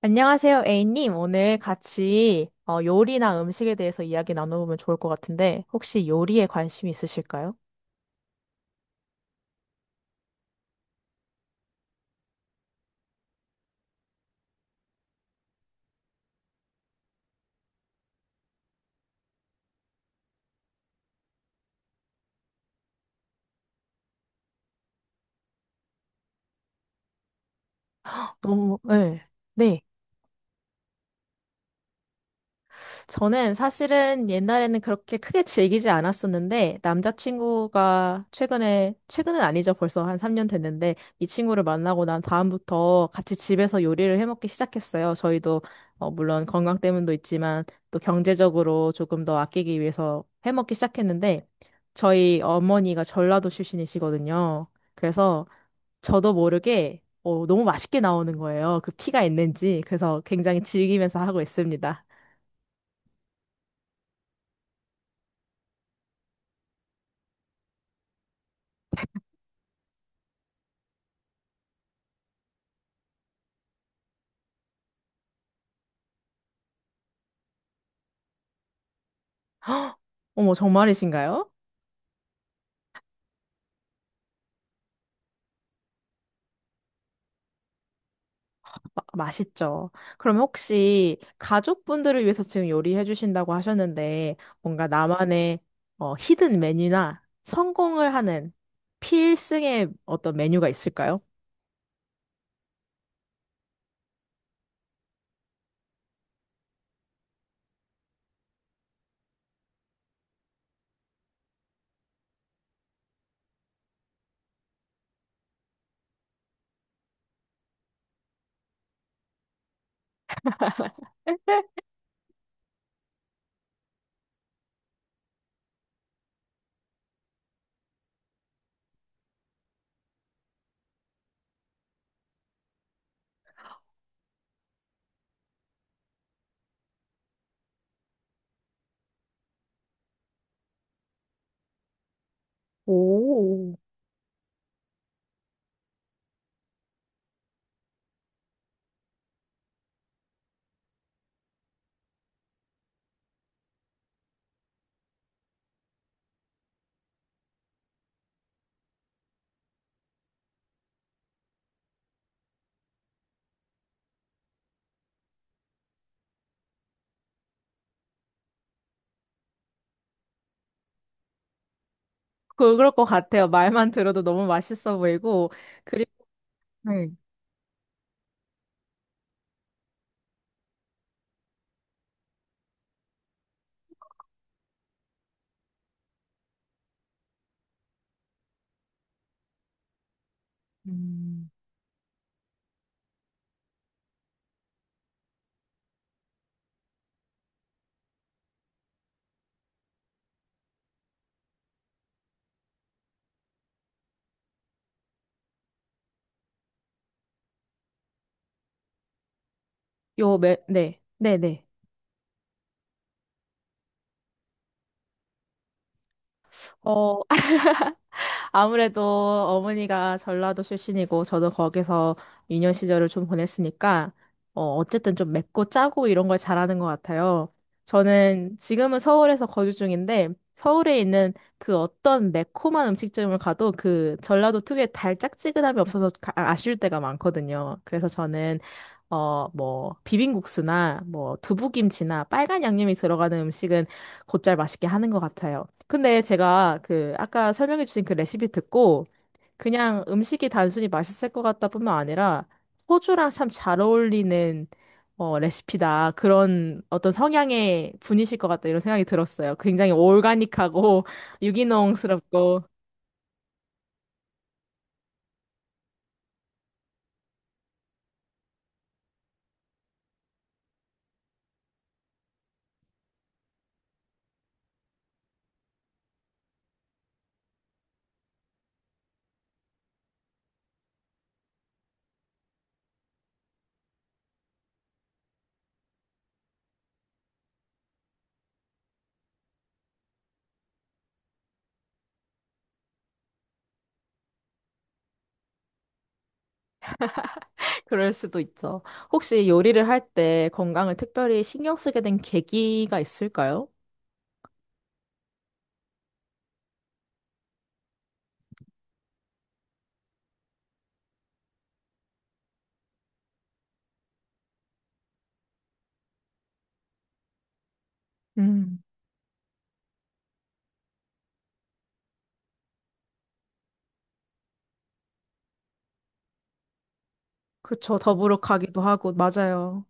안녕하세요, A님. 오늘 같이 요리나 음식에 대해서 이야기 나눠보면 좋을 것 같은데, 혹시 요리에 관심 있으실까요? 너무, 네. 저는 사실은 옛날에는 그렇게 크게 즐기지 않았었는데, 남자친구가 최근에, 최근은 아니죠. 벌써 한 3년 됐는데, 이 친구를 만나고 난 다음부터 같이 집에서 요리를 해 먹기 시작했어요. 물론 건강 때문도 있지만, 또 경제적으로 조금 더 아끼기 위해서 해 먹기 시작했는데, 저희 어머니가 전라도 출신이시거든요. 그래서 저도 모르게, 너무 맛있게 나오는 거예요. 그 피가 있는지. 그래서 굉장히 즐기면서 하고 있습니다. 어머, 정말이신가요? 맛있죠. 그럼 혹시 가족분들을 위해서 지금 요리해 주신다고 하셨는데, 뭔가 나만의 히든 메뉴나 성공을 하는 필승의 어떤 메뉴가 있을까요? 오, 그럴 것 같아요. 말만 들어도 너무 맛있어 보이고, 그리고, 네. 음, 네, 네네. 어, 아무래도 어머니가 전라도 출신이고 저도 거기서 유년 시절을 좀 보냈으니까 어쨌든 좀 맵고 짜고 이런 걸 잘하는 것 같아요. 저는 지금은 서울에서 거주 중인데 서울에 있는 그 어떤 매콤한 음식점을 가도 그 전라도 특유의 달짝지근함이 없어서 아, 아쉬울 때가 많거든요. 그래서 저는 비빔국수나, 두부김치나 빨간 양념이 들어가는 음식은 곧잘 맛있게 하는 것 같아요. 근데 제가 그 아까 설명해 주신 그 레시피 듣고 그냥 음식이 단순히 맛있을 것 같다 뿐만 아니라 호주랑 참 잘 어울리는 레시피다. 그런 어떤 성향의 분이실 것 같다. 이런 생각이 들었어요. 굉장히 올가닉하고 유기농스럽고. 그럴 수도 있죠. 혹시 요리를 할 때 건강을 특별히 신경 쓰게 된 계기가 있을까요? 음. 그쵸. 더부룩하기도 하고, 맞아요.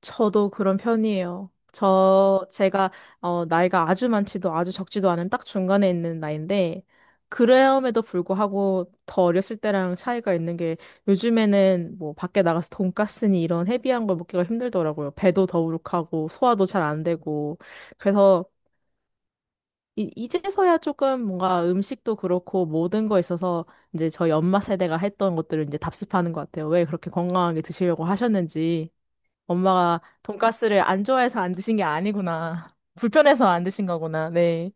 저도 그런 편이에요. 나이가 아주 많지도 아주 적지도 않은 딱 중간에 있는 나이인데, 그럼에도 불구하고 더 어렸을 때랑 차이가 있는 게, 요즘에는 뭐 밖에 나가서 돈까스니 이런 헤비한 걸 먹기가 힘들더라고요. 배도 더부룩하고, 소화도 잘 안 되고. 그래서, 이제서야 조금 뭔가 음식도 그렇고, 모든 거 있어서, 이제 저희 엄마 세대가 했던 것들을 이제 답습하는 것 같아요. 왜 그렇게 건강하게 드시려고 하셨는지. 엄마가 돈가스를 안 좋아해서 안 드신 게 아니구나. 불편해서 안 드신 거구나. 네.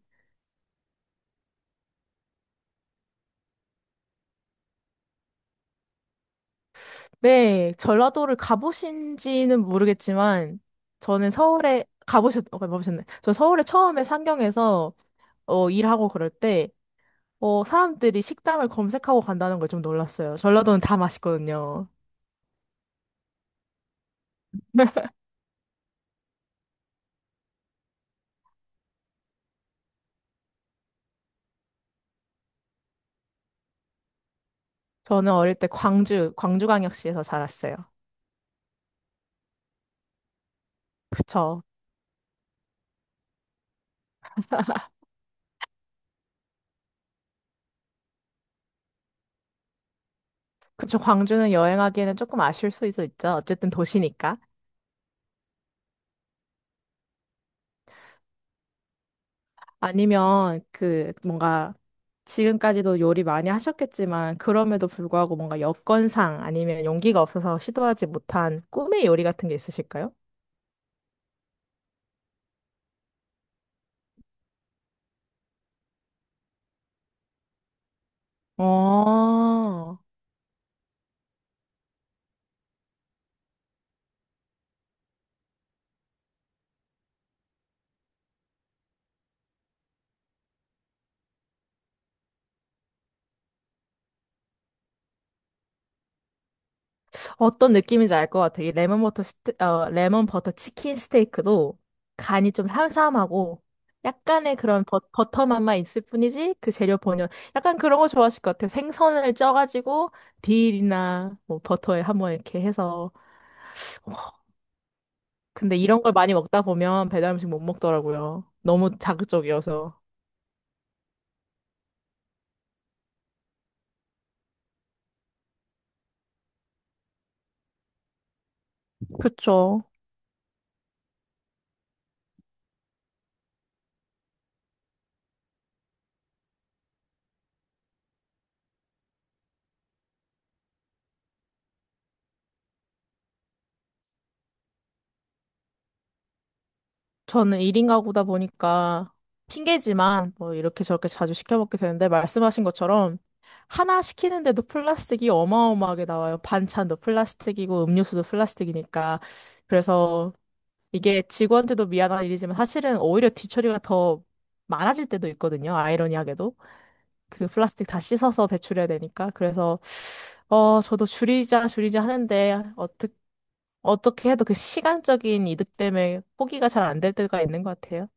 네, 전라도를 가보신지는 모르겠지만, 저는 서울에, 가보셨, 어, 가보셨네. 저 서울에 처음에 상경해서, 일하고 그럴 때, 사람들이 식당을 검색하고 간다는 걸 좀 놀랐어요. 전라도는 다 맛있거든요. 저는 어릴 때 광주광역시에서 자랐어요. 그쵸. 그쵸. 광주는 여행하기에는 조금 아쉬울 수 있어 있죠. 어쨌든 도시니까. 아니면 그 뭔가 지금까지도 요리 많이 하셨겠지만 그럼에도 불구하고 뭔가 여건상 아니면 용기가 없어서 시도하지 못한 꿈의 요리 같은 게 있으실까요? 어, 어떤 느낌인지 알 것 같아요. 이 레몬 버터 스테, 어, 레몬 버터 치킨 스테이크도 간이 좀 삼삼하고 약간의 그런 버터 맛만 있을 뿐이지 그 재료 본연 약간 그런 거 좋아하실 것 같아요. 생선을 쪄가지고 딜이나 뭐 버터에 한번 이렇게 해서 근데 이런 걸 많이 먹다 보면 배달 음식 못 먹더라고요. 너무 자극적이어서. 그쵸. 저는 1인 가구다 보니까 핑계지만 뭐 이렇게 저렇게 자주 시켜 먹게 되는데 말씀하신 것처럼 하나 시키는데도 플라스틱이 어마어마하게 나와요. 반찬도 플라스틱이고 음료수도 플라스틱이니까. 그래서 이게 직원들도 미안한 일이지만 사실은 오히려 뒤처리가 더 많아질 때도 있거든요. 아이러니하게도. 그 플라스틱 다 씻어서 배출해야 되니까. 그래서 저도 줄이자, 줄이자 하는데, 어떻게 해도 그 시간적인 이득 때문에 포기가 잘 안 될 때가 있는 것 같아요.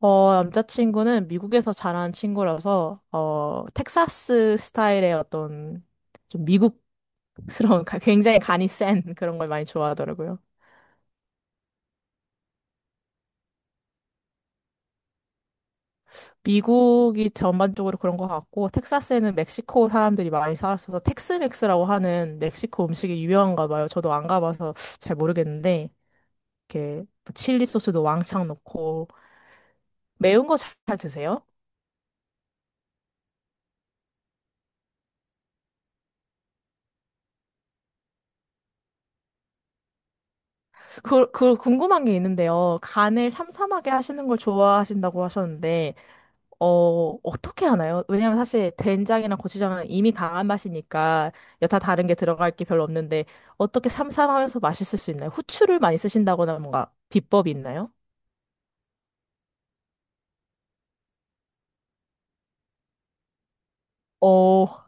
남자친구는 미국에서 자란 친구라서, 텍사스 스타일의 어떤, 좀 미국스러운, 굉장히 간이 센 그런 걸 많이 좋아하더라고요. 미국이 전반적으로 그런 것 같고, 텍사스에는 멕시코 사람들이 많이 살았어서, 텍스맥스라고 하는 멕시코 음식이 유명한가 봐요. 저도 안 가봐서 잘 모르겠는데, 이렇게 뭐 칠리 소스도 왕창 넣고 매운 거 잘 드세요? 그 궁금한 게 있는데요. 간을 삼삼하게 하시는 걸 좋아하신다고 하셨는데, 어떻게 하나요? 왜냐면 사실 된장이랑 고추장은 이미 강한 맛이니까 여타 다른 게 들어갈 게 별로 없는데, 어떻게 삼삼하면서 맛있을 수 있나요? 후추를 많이 쓰신다거나 뭔가 비법이 있나요? 어,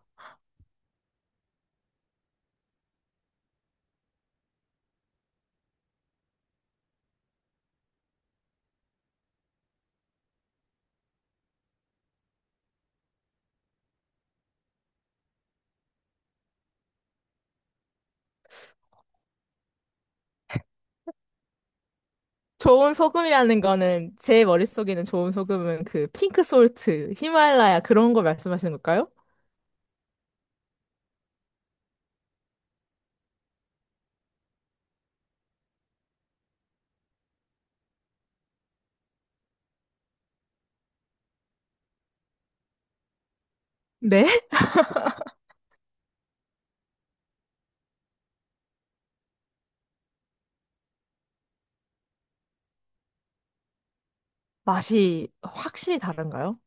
좋은 소금이라는 거는 제 머릿속에는 좋은 소금은 그 핑크 솔트, 히말라야 그런 거 말씀하시는 걸까요? 네? 맛이 확실히 다른가요?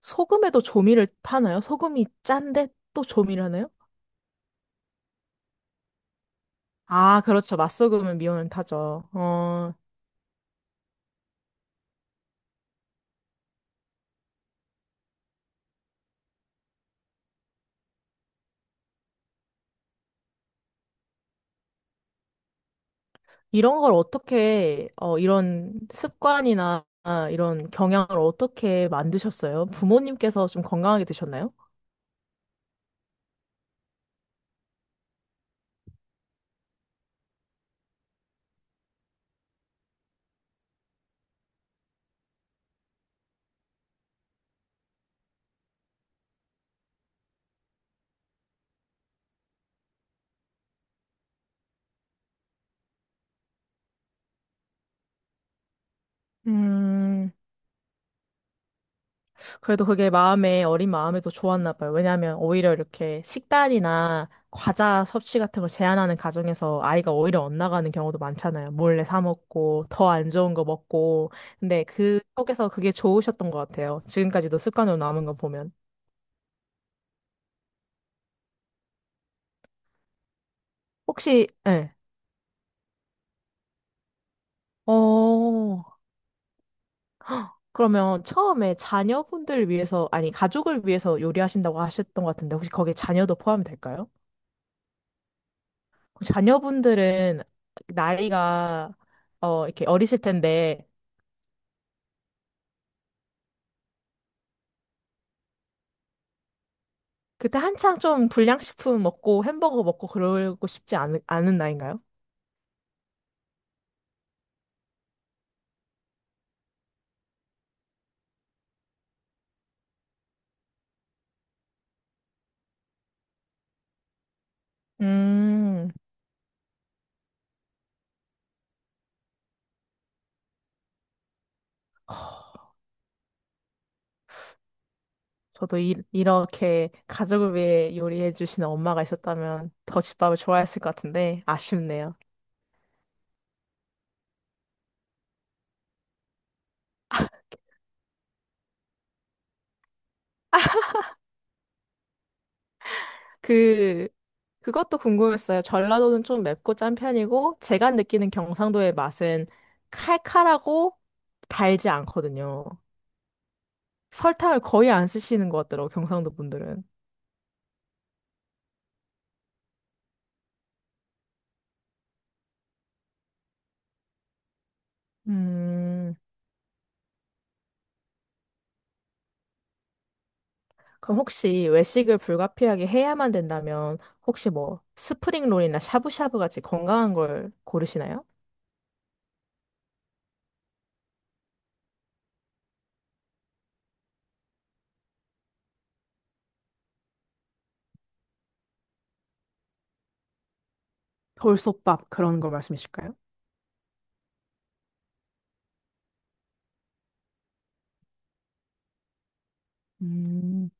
소금에도 조미를 타나요? 소금이 짠데 또 조미를 하나요? 아, 그렇죠. 맛소금은 미온을 타죠. 이런 걸 이런 습관이나 이런 경향을 어떻게 만드셨어요? 부모님께서 좀 건강하게 드셨나요? 음, 그래도 그게 마음에, 어린 마음에도 좋았나 봐요. 왜냐하면 오히려 이렇게 식단이나 과자 섭취 같은 걸 제한하는 가정에서 아이가 오히려 엇나가는 경우도 많잖아요. 몰래 사 먹고, 더 안 좋은 거 먹고. 근데 그 속에서 그게 좋으셨던 것 같아요. 지금까지도 습관으로 남은 거 보면. 혹시, 예. 어, 그러면 처음에 자녀분들 위해서, 아니, 가족을 위해서 요리하신다고 하셨던 것 같은데, 혹시 거기에 자녀도 포함이 될까요? 그 자녀분들은 나이가 어 이렇게 어리실 텐데 그때 한창 좀 불량식품 먹고 햄버거 먹고 그러고 싶지 않은 나이인가요? 음, 저도 이렇게 가족을 위해 요리해 주시는 엄마가 있었다면 더 집밥을 좋아했을 것 같은데 아쉽네요. 그 그것도 궁금했어요. 전라도는 좀 맵고 짠 편이고 제가 느끼는 경상도의 맛은 칼칼하고 달지 않거든요. 설탕을 거의 안 쓰시는 것 같더라고, 경상도 분들은. 음, 그럼 혹시 외식을 불가피하게 해야만 된다면, 혹시 뭐, 스프링롤이나 샤브샤브 같이 건강한 걸 고르시나요? 돌솥밥 그런 걸 말씀이실까요? 음,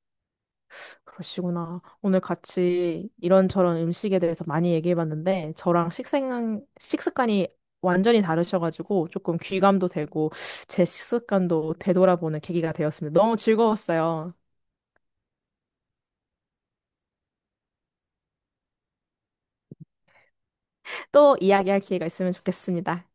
그러시구나. 오늘 같이 이런저런 음식에 대해서 많이 얘기해봤는데, 저랑 식습관이 완전히 다르셔가지고, 조금 귀감도 되고, 제 식습관도 되돌아보는 계기가 되었습니다. 너무 즐거웠어요. 또 이야기할 기회가 있으면 좋겠습니다.